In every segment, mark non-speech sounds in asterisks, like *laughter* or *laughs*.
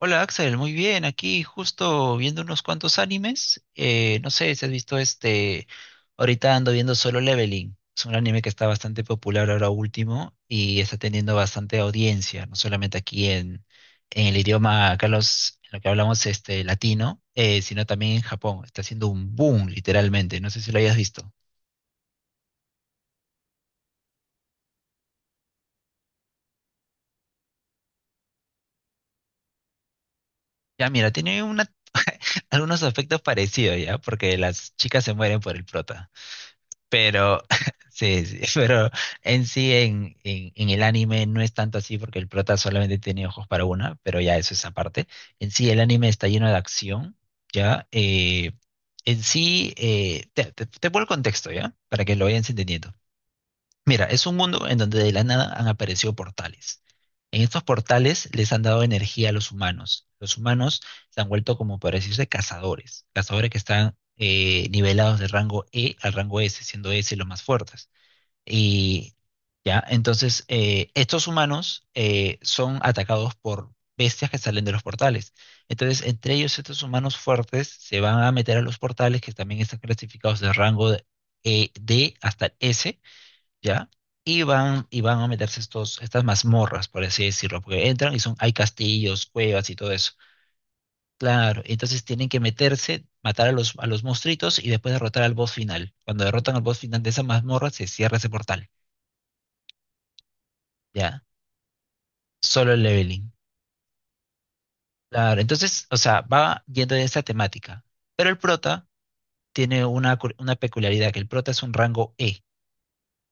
Hola Axel, muy bien, aquí justo viendo unos cuantos animes. No sé si has visto ahorita ando viendo Solo Leveling. Es un anime que está bastante popular ahora último y está teniendo bastante audiencia, no solamente aquí en el idioma, Carlos, en lo que hablamos este, latino, sino también en Japón. Está haciendo un boom, literalmente. No sé si lo hayas visto. Ya, mira, *laughs* algunos aspectos parecidos ya, porque las chicas se mueren por el prota. Pero, *laughs* sí, sí, pero en sí, en el anime no es tanto así porque el prota solamente tiene ojos para una, pero ya eso es aparte. En sí, el anime está lleno de acción, ¿ya? Te pongo el contexto, ¿ya? Para que lo vayas entendiendo. Mira, es un mundo en donde de la nada han aparecido portales. En estos portales les han dado energía a los humanos. Los humanos se han vuelto como para decirse cazadores, cazadores que están nivelados de rango E al rango S, siendo S los más fuertes. Y ya, entonces estos humanos son atacados por bestias que salen de los portales. Entonces, entre ellos estos humanos fuertes se van a meter a los portales que también están clasificados D hasta S, ¿ya? Y van a meterse estas mazmorras, por así decirlo, porque entran y son, hay castillos, cuevas y todo eso. Claro, entonces tienen que meterse, matar a los monstruitos y después derrotar al boss final. Cuando derrotan al boss final de esa mazmorra, se cierra ese portal, ¿ya? Solo el leveling. Claro, entonces, o sea, va yendo en esa temática. Pero el prota tiene una peculiaridad, que el prota es un rango E,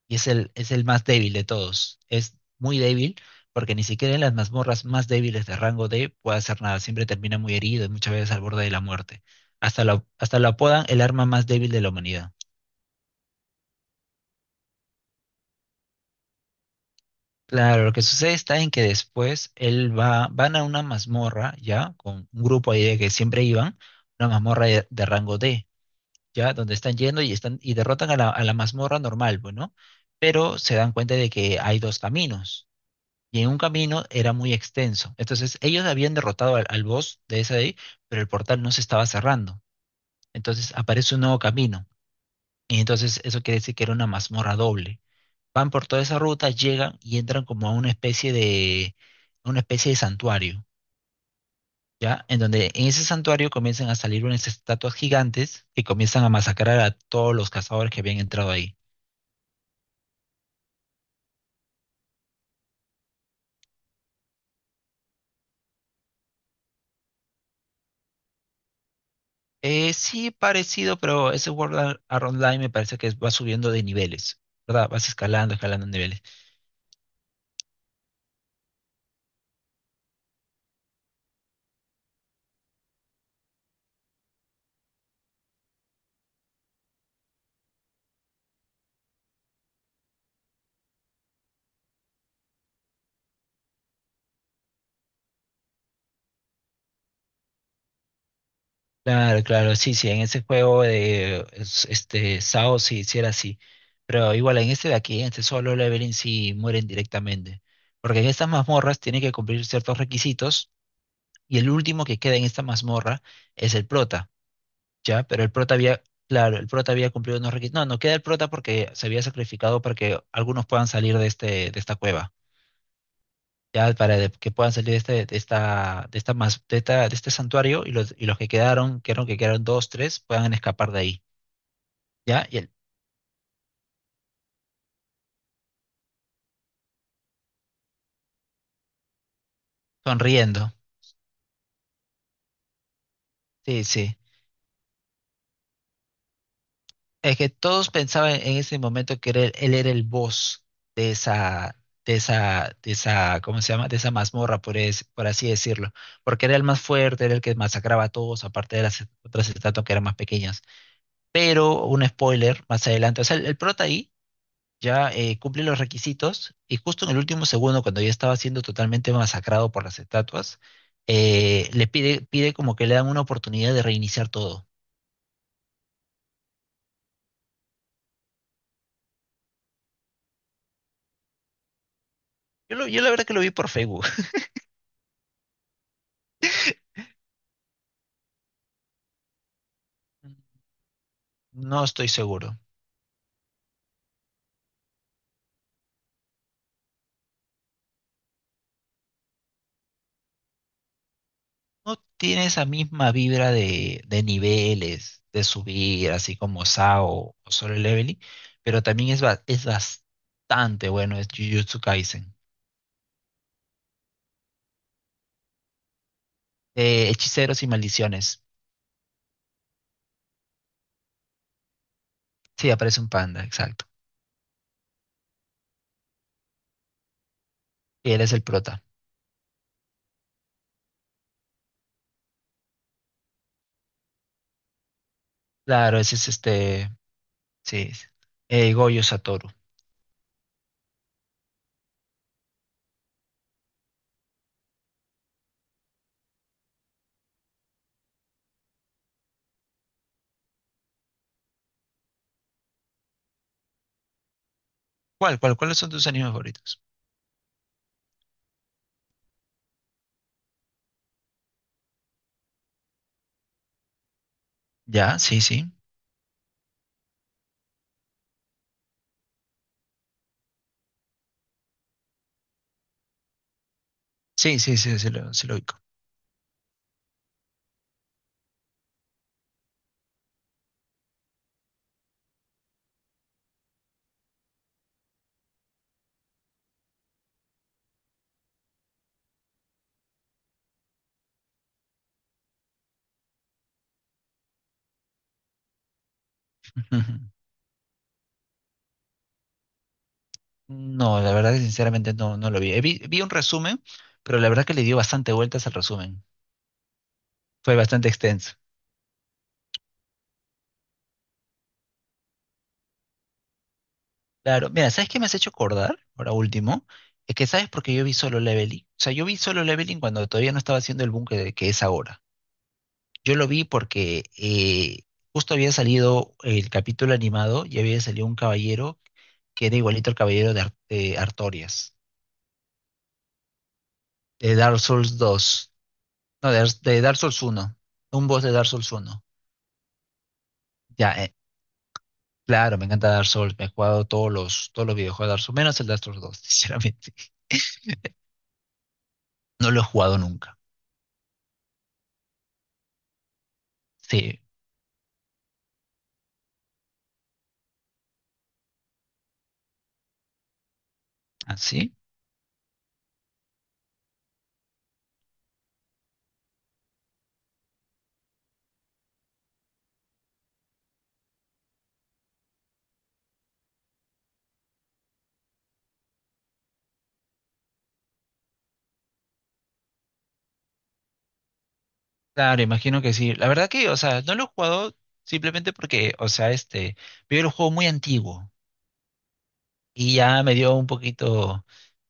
y es es el más débil de todos. Es muy débil porque ni siquiera en las mazmorras más débiles de rango D puede hacer nada. Siempre termina muy herido y muchas veces al borde de la muerte. Hasta lo apodan el arma más débil de la humanidad. Claro, lo que sucede está en que después él va, van a una mazmorra, ya, con un grupo ahí de que siempre iban, una mazmorra de rango D, ya, donde están yendo y están, y derrotan a la mazmorra normal, bueno, pero se dan cuenta de que hay dos caminos y en un camino era muy extenso. Entonces, ellos habían derrotado al boss de esa de ahí, pero el portal no se estaba cerrando. Entonces, aparece un nuevo camino. Y entonces, eso quiere decir que era una mazmorra doble. Van por toda esa ruta, llegan y entran como a una especie a una especie de santuario, ¿ya? En donde en ese santuario comienzan a salir unas estatuas gigantes que comienzan a masacrar a todos los cazadores que habían entrado ahí. Sí, parecido, pero ese Art Online me parece que va subiendo de niveles, ¿verdad? Vas escalando, escalando niveles. Claro, claro, sí, sí, en ese juego de este Sao sí, sí era así. Pero igual en este de aquí, en este solo leveling sí mueren directamente. Porque en estas mazmorras tiene que cumplir ciertos requisitos y el último que queda en esta mazmorra es el prota, ¿ya? Claro, el prota había cumplido unos requisitos. No, no queda el prota porque se había sacrificado para que algunos puedan salir de de esta cueva ya que puedan salir de, este, de esta, mas- de esta- de este santuario, y y los que quedaron, que eran que quedaron dos, tres, puedan escapar de ahí, ¿ya? Y él sonriendo, sí, sí. Es que todos pensaban en ese momento él era el boss de esa, de esa, ¿cómo se llama? De esa mazmorra, por así decirlo, porque era el más fuerte, era el que masacraba a todos, aparte de las otras estatuas que eran más pequeñas. Pero, un spoiler, más adelante, o sea, el prota ahí ya cumple los requisitos y justo en el último segundo, cuando ya estaba siendo totalmente masacrado por las estatuas, pide como que le dan una oportunidad de reiniciar todo. Yo la verdad que lo vi por Facebook, *laughs* no estoy seguro. No tiene esa misma vibra de niveles, de subir, así como SAO o Solo Leveling, pero también es bastante bueno, es Jujutsu Kaisen. Hechiceros y maldiciones. Sí, aparece un panda, exacto. Y él es el prota. Claro, ese es este, sí, Goyo Satoru. ¿ Cuáles son tus animes favoritos? Ya, sí, sí. Sí, sí, sí, sí lo ubico. *laughs* Ujú. No, la verdad, sinceramente, no, no lo vi. Vi un resumen, pero la verdad que le dio bastante vueltas al resumen. Fue bastante extenso. Claro, mira, ¿sabes qué me has hecho acordar? Ahora último, es que sabes por qué yo vi Solo Leveling. O sea, yo vi Solo Leveling cuando todavía no estaba haciendo el boom que es ahora. Yo lo vi porque justo había salido el capítulo animado y había salido un caballero que era igualito al de Artorias, de Dark Souls 2, no, de Dark Souls uno, un boss de Dark Souls uno. Ya, claro, me encanta Dark Souls, me he jugado todos los videojuegos de Dark Souls, menos el Dark Souls dos, *laughs* sinceramente. No lo he jugado nunca. Sí, así. Claro, imagino que sí. La verdad que, o sea, no lo he jugado simplemente porque, o sea, este, veo el juego muy antiguo y ya me dio un poquito.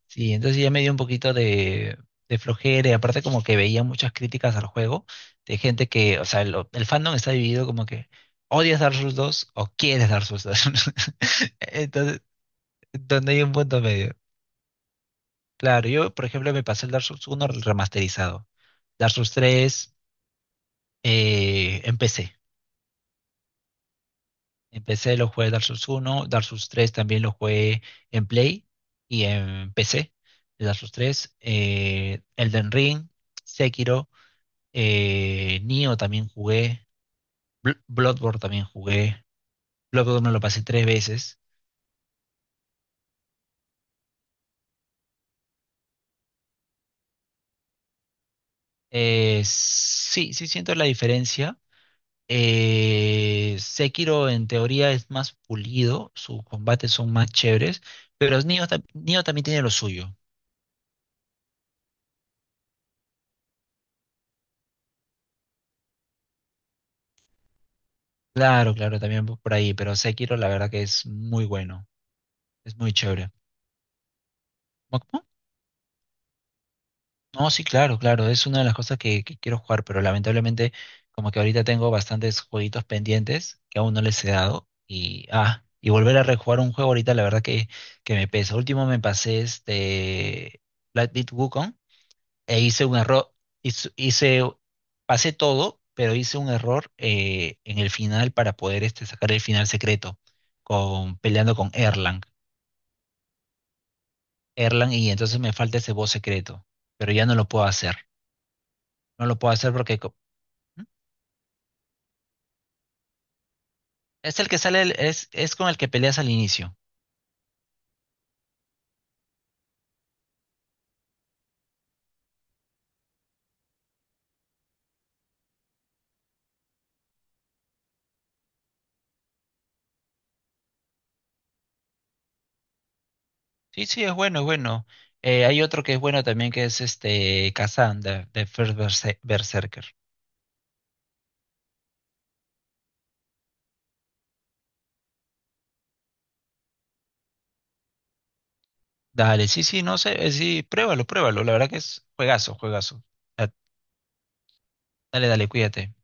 Sí, entonces ya me dio un poquito de flojera y aparte como que veía muchas críticas al juego de gente que, o sea, el fandom está dividido como que odias Dark Souls dos o quieres Dark Souls dos, *laughs* entonces, donde hay un punto medio. Claro, yo por ejemplo me pasé el Dark Souls 1 remasterizado. Dark Souls tres empecé. Empecé, lo jugué Dark Souls uno, Dark Souls tres también lo jugué en Play y en PC. Dark Souls tres, Elden Ring, Sekiro. Nioh también jugué. Bloodborne también jugué. Bloodborne me lo pasé tres veces. Sí, sí siento la diferencia. Sekiro en teoría es más pulido, sus combates son más chéveres, pero Nioh también tiene lo suyo. Claro, claro, también por ahí, pero Sekiro la verdad que es muy bueno, es muy chévere. No, sí, claro, claro, es una de las cosas que quiero jugar, pero lamentablemente como que ahorita tengo bastantes jueguitos pendientes que aún no les he dado y volver a rejugar un juego ahorita la verdad que me pesa. Último me pasé este Black Myth Wukong e hice un error, hice, hice- pasé todo, pero hice un error en el final para poder este, sacar el final secreto con peleando con Erlang. Erlang, y entonces me falta ese boss secreto, pero ya no lo puedo hacer. No lo puedo hacer es el que sale, es con el que peleas al inicio. Sí, sí, es bueno, es bueno. Hay otro que es bueno también que es este Kazan de Berserker. Dale, sí, sí, no sé, sí, pruébalo, pruébalo. La verdad que es juegazo, juegazo. Da- Dale, dale, cuídate.